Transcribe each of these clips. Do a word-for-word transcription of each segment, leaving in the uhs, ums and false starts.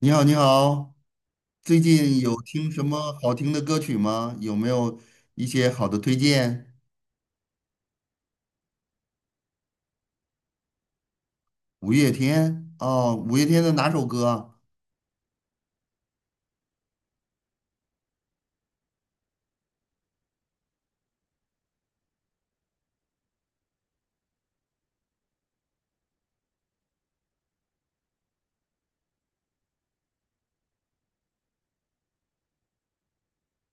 你好，你好。最近嗯有听什么好听的歌曲吗？有没有一些好的推荐？五月天哦，五月天的哪首歌啊？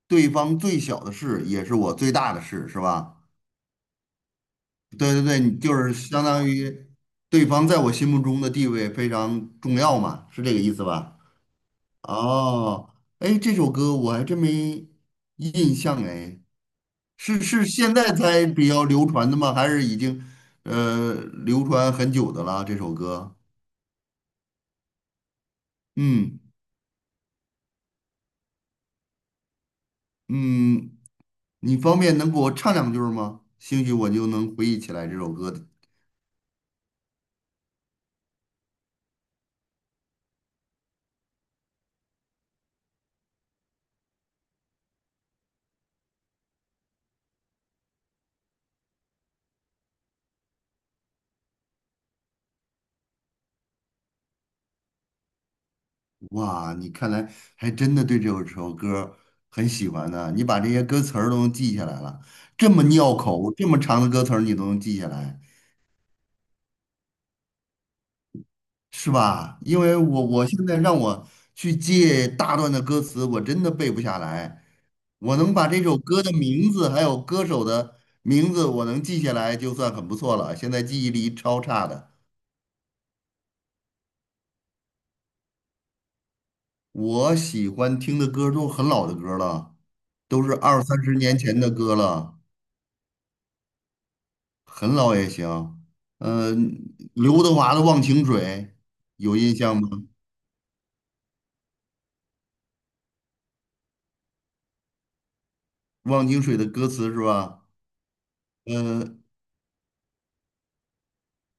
对方最小的事也是我最大的事，是吧？对对对，你就是相当于对方在我心目中的地位非常重要嘛，是这个意思吧？哦，哎，这首歌我还真没印象哎。是是现在才比较流传的吗？还是已经呃流传很久的了这首歌？嗯嗯，你方便能给我唱两句儿吗？兴许我就能回忆起来这首歌的。哇，你看来还真的对这首首歌很喜欢呢。你把这些歌词儿都能记下来了，这么拗口，这么长的歌词儿你都能记下来。是吧？因为我我现在让我去记大段的歌词，我真的背不下来。我能把这首歌的名字还有歌手的名字，我能记下来就算很不错了。现在记忆力超差的。我喜欢听的歌都是很老的歌了，都是二三十年前的歌了，很老也行。嗯、刘德华的《忘情水》。有印象吗？《忘情水》的歌词是吧？嗯，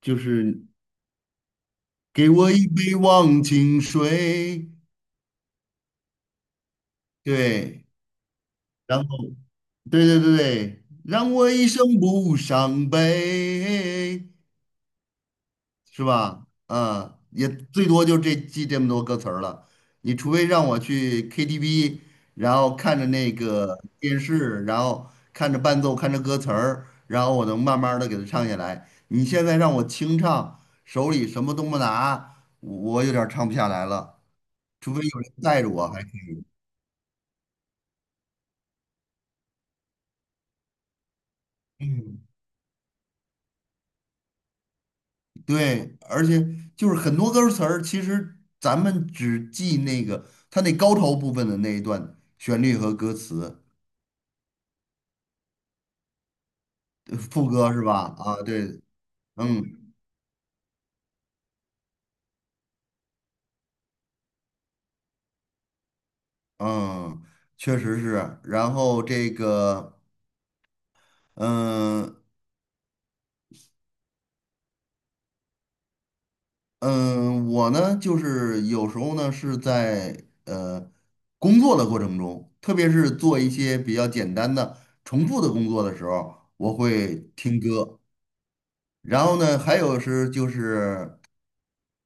就是。给我一杯忘情水。对，然后，对对对对，让我一生不伤悲。是吧？啊，也最多就这记这么多歌词儿了。你除非让我去 K T V,然后看着那个电视，然后看着伴奏，看着歌词儿，然后我能慢慢的给它唱下来。你现在让我清唱，手里什么都不拿，我我有点儿唱不下来了。除非有人带着我，还可以。对，而且就是很多歌词儿，其实咱们只记那个它那高潮部分的那一段旋律和歌词，呃副歌是吧？啊，对，嗯嗯，确实是。然后这个，嗯嗯，我呢，就是有时候呢是在呃工作的过程中，特别是做一些比较简单的重复的工作的时候，我会听歌。然后呢，还有是就是。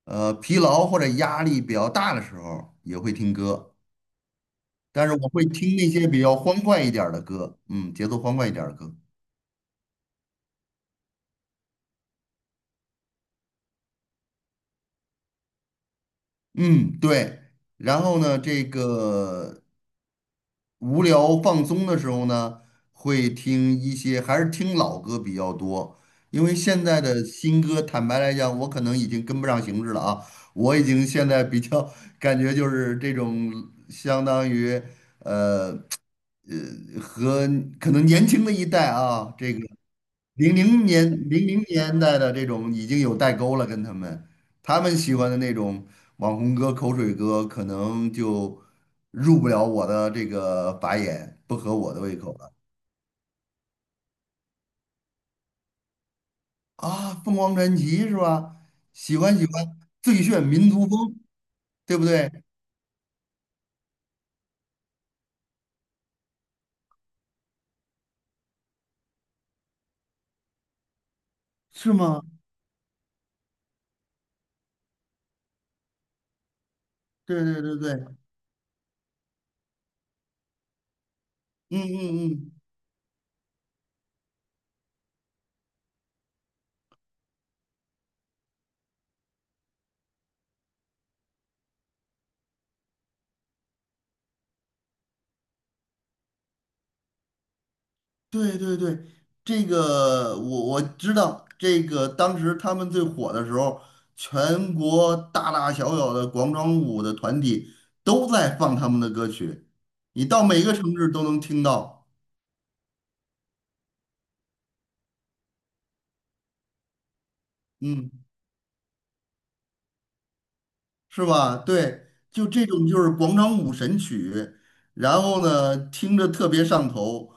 呃，疲劳或者压力比较大的时候也会听歌，但是我会听那些比较欢快一点儿的歌，嗯，节奏欢快一点儿的歌。嗯，对。然后呢，这个无聊放松的时候呢，会听一些，还是听老歌比较多。因为现在的新歌，坦白来讲，我可能已经跟不上形势了啊。我已经现在比较感觉就是这种相当于呃呃和可能年轻的一代啊，这个。零零年零零年代的这种已经有代沟了，跟他们他们喜欢的那种网红歌、口水歌，可能就入不了我的这个法眼，不合我的胃口了啊。凤凰传奇是吧？喜欢喜欢，最炫民族风，对不对？是吗？对对对对，嗯嗯嗯。对对对，这个我我知道，这个当时他们最火的时候，全国大大小小的广场舞的团体都在放他们的歌曲，你到每个城市都能听到。嗯，是吧？对，就这种就是广场舞神曲，然后呢，听着特别上头，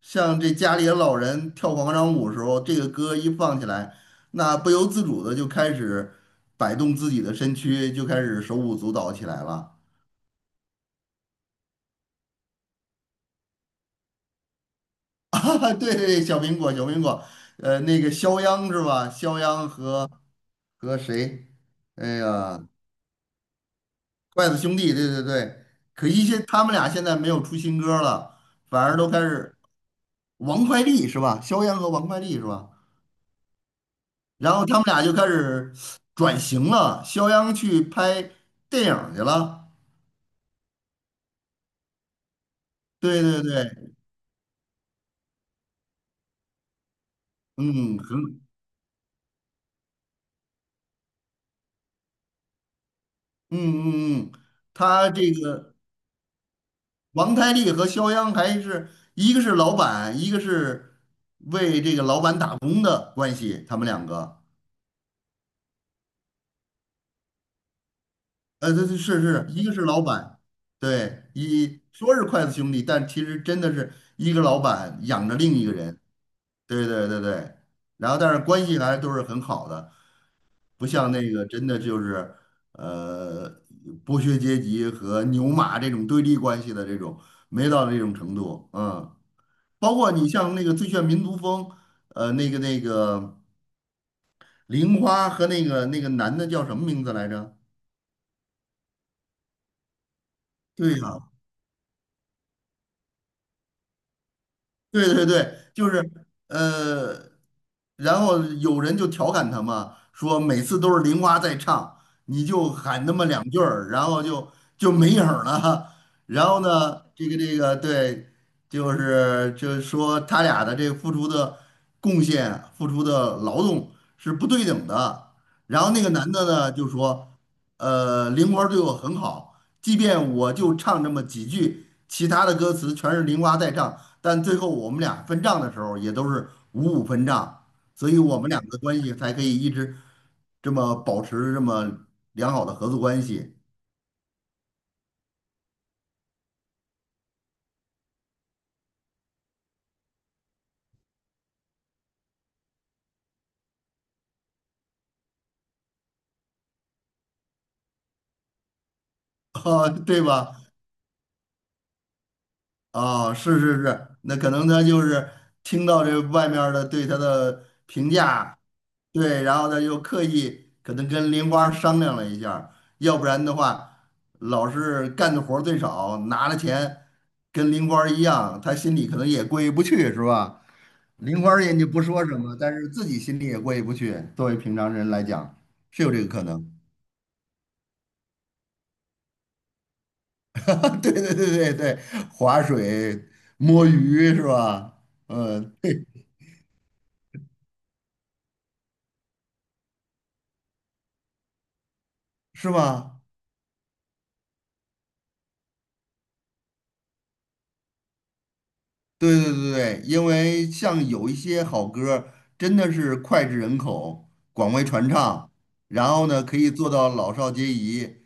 像这家里的老人跳广场舞的时候，这个歌一放起来，那不由自主的就开始摆动自己的身躯，就开始手舞足蹈起来了。啊，对对，小苹果，小苹果，呃，那个肖央是吧？肖央和和谁？哎呀，筷子兄弟，对对对。可惜现他们俩现在没有出新歌了，反而都开始，王快利是吧？肖央和王快利是吧？然后他们俩就开始转型了，肖央去拍电影儿去了。对对对，嗯，很，嗯嗯嗯，他这个王太利和肖央还是一个是老板，一个是为这个老板打工的关系，他们两个，呃，对对是是，一个是老板，对，一说是筷子兄弟，但其实真的是一个老板养着另一个人。对对对对，然后但是关系还都是很好的。不像那个真的就是呃剥削阶级和牛马这种对立关系的这种，没到那种程度。嗯，包括你像那个《最炫民族风》，呃，那个那个玲花和那个那个男的叫什么名字来着？对呀、对对对，就是呃。然后有人就调侃他嘛，说每次都是玲花在唱，你就喊那么两句儿，然后就就没影儿了。然后呢，这个这个对，就是就是说他俩的这个付出的贡献、付出的劳动是不对等的。然后那个男的呢就说，呃，玲花对我很好，即便我就唱这么几句，其他的歌词全是玲花在唱，但最后我们俩分账的时候也都是五五分账。所以我们两个关系才可以一直这么保持这么良好的合作关系。哈，对吧？啊，是是是，那可能他就是听到这外面儿的对他的评价，对，然后他又刻意可能跟林花商量了一下儿，要不然的话，老是干的活儿最少，拿了钱跟林花一样，他心里可能也过意不去，是吧？林花人家不说什么，但是自己心里也过意不去。作为平常人来讲，是有这个可能。对对对对对，划水、摸鱼是吧？嗯，对，是吧？对对对对，因为像有一些好歌儿真的是脍炙人口，广为传唱，然后呢，可以做到老少皆宜，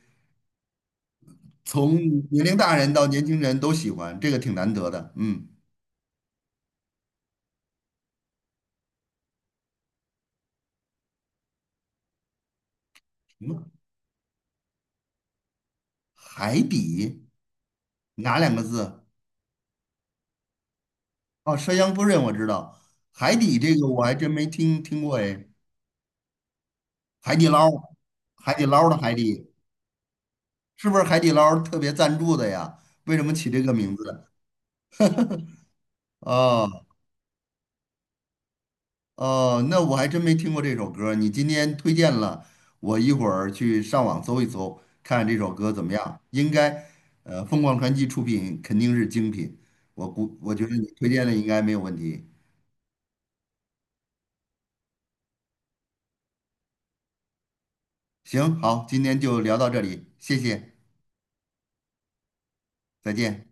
从年龄大人到年轻人都喜欢，这个挺难得的。嗯，什么海底，哪两个字？哦，《山香夫人》我知道，海底这个我还真没听听过哎。海底捞，海底捞的海底，是不是海底捞特别赞助的呀？为什么起这个名字？哦。哦，那我还真没听过这首歌，你今天推荐了，我一会儿去上网搜一搜，看看这首歌怎么样。应该，呃，凤凰传奇出品肯定是精品，我估我觉得你推荐的应该没有问题。行，好，今天就聊到这里，谢谢，再见。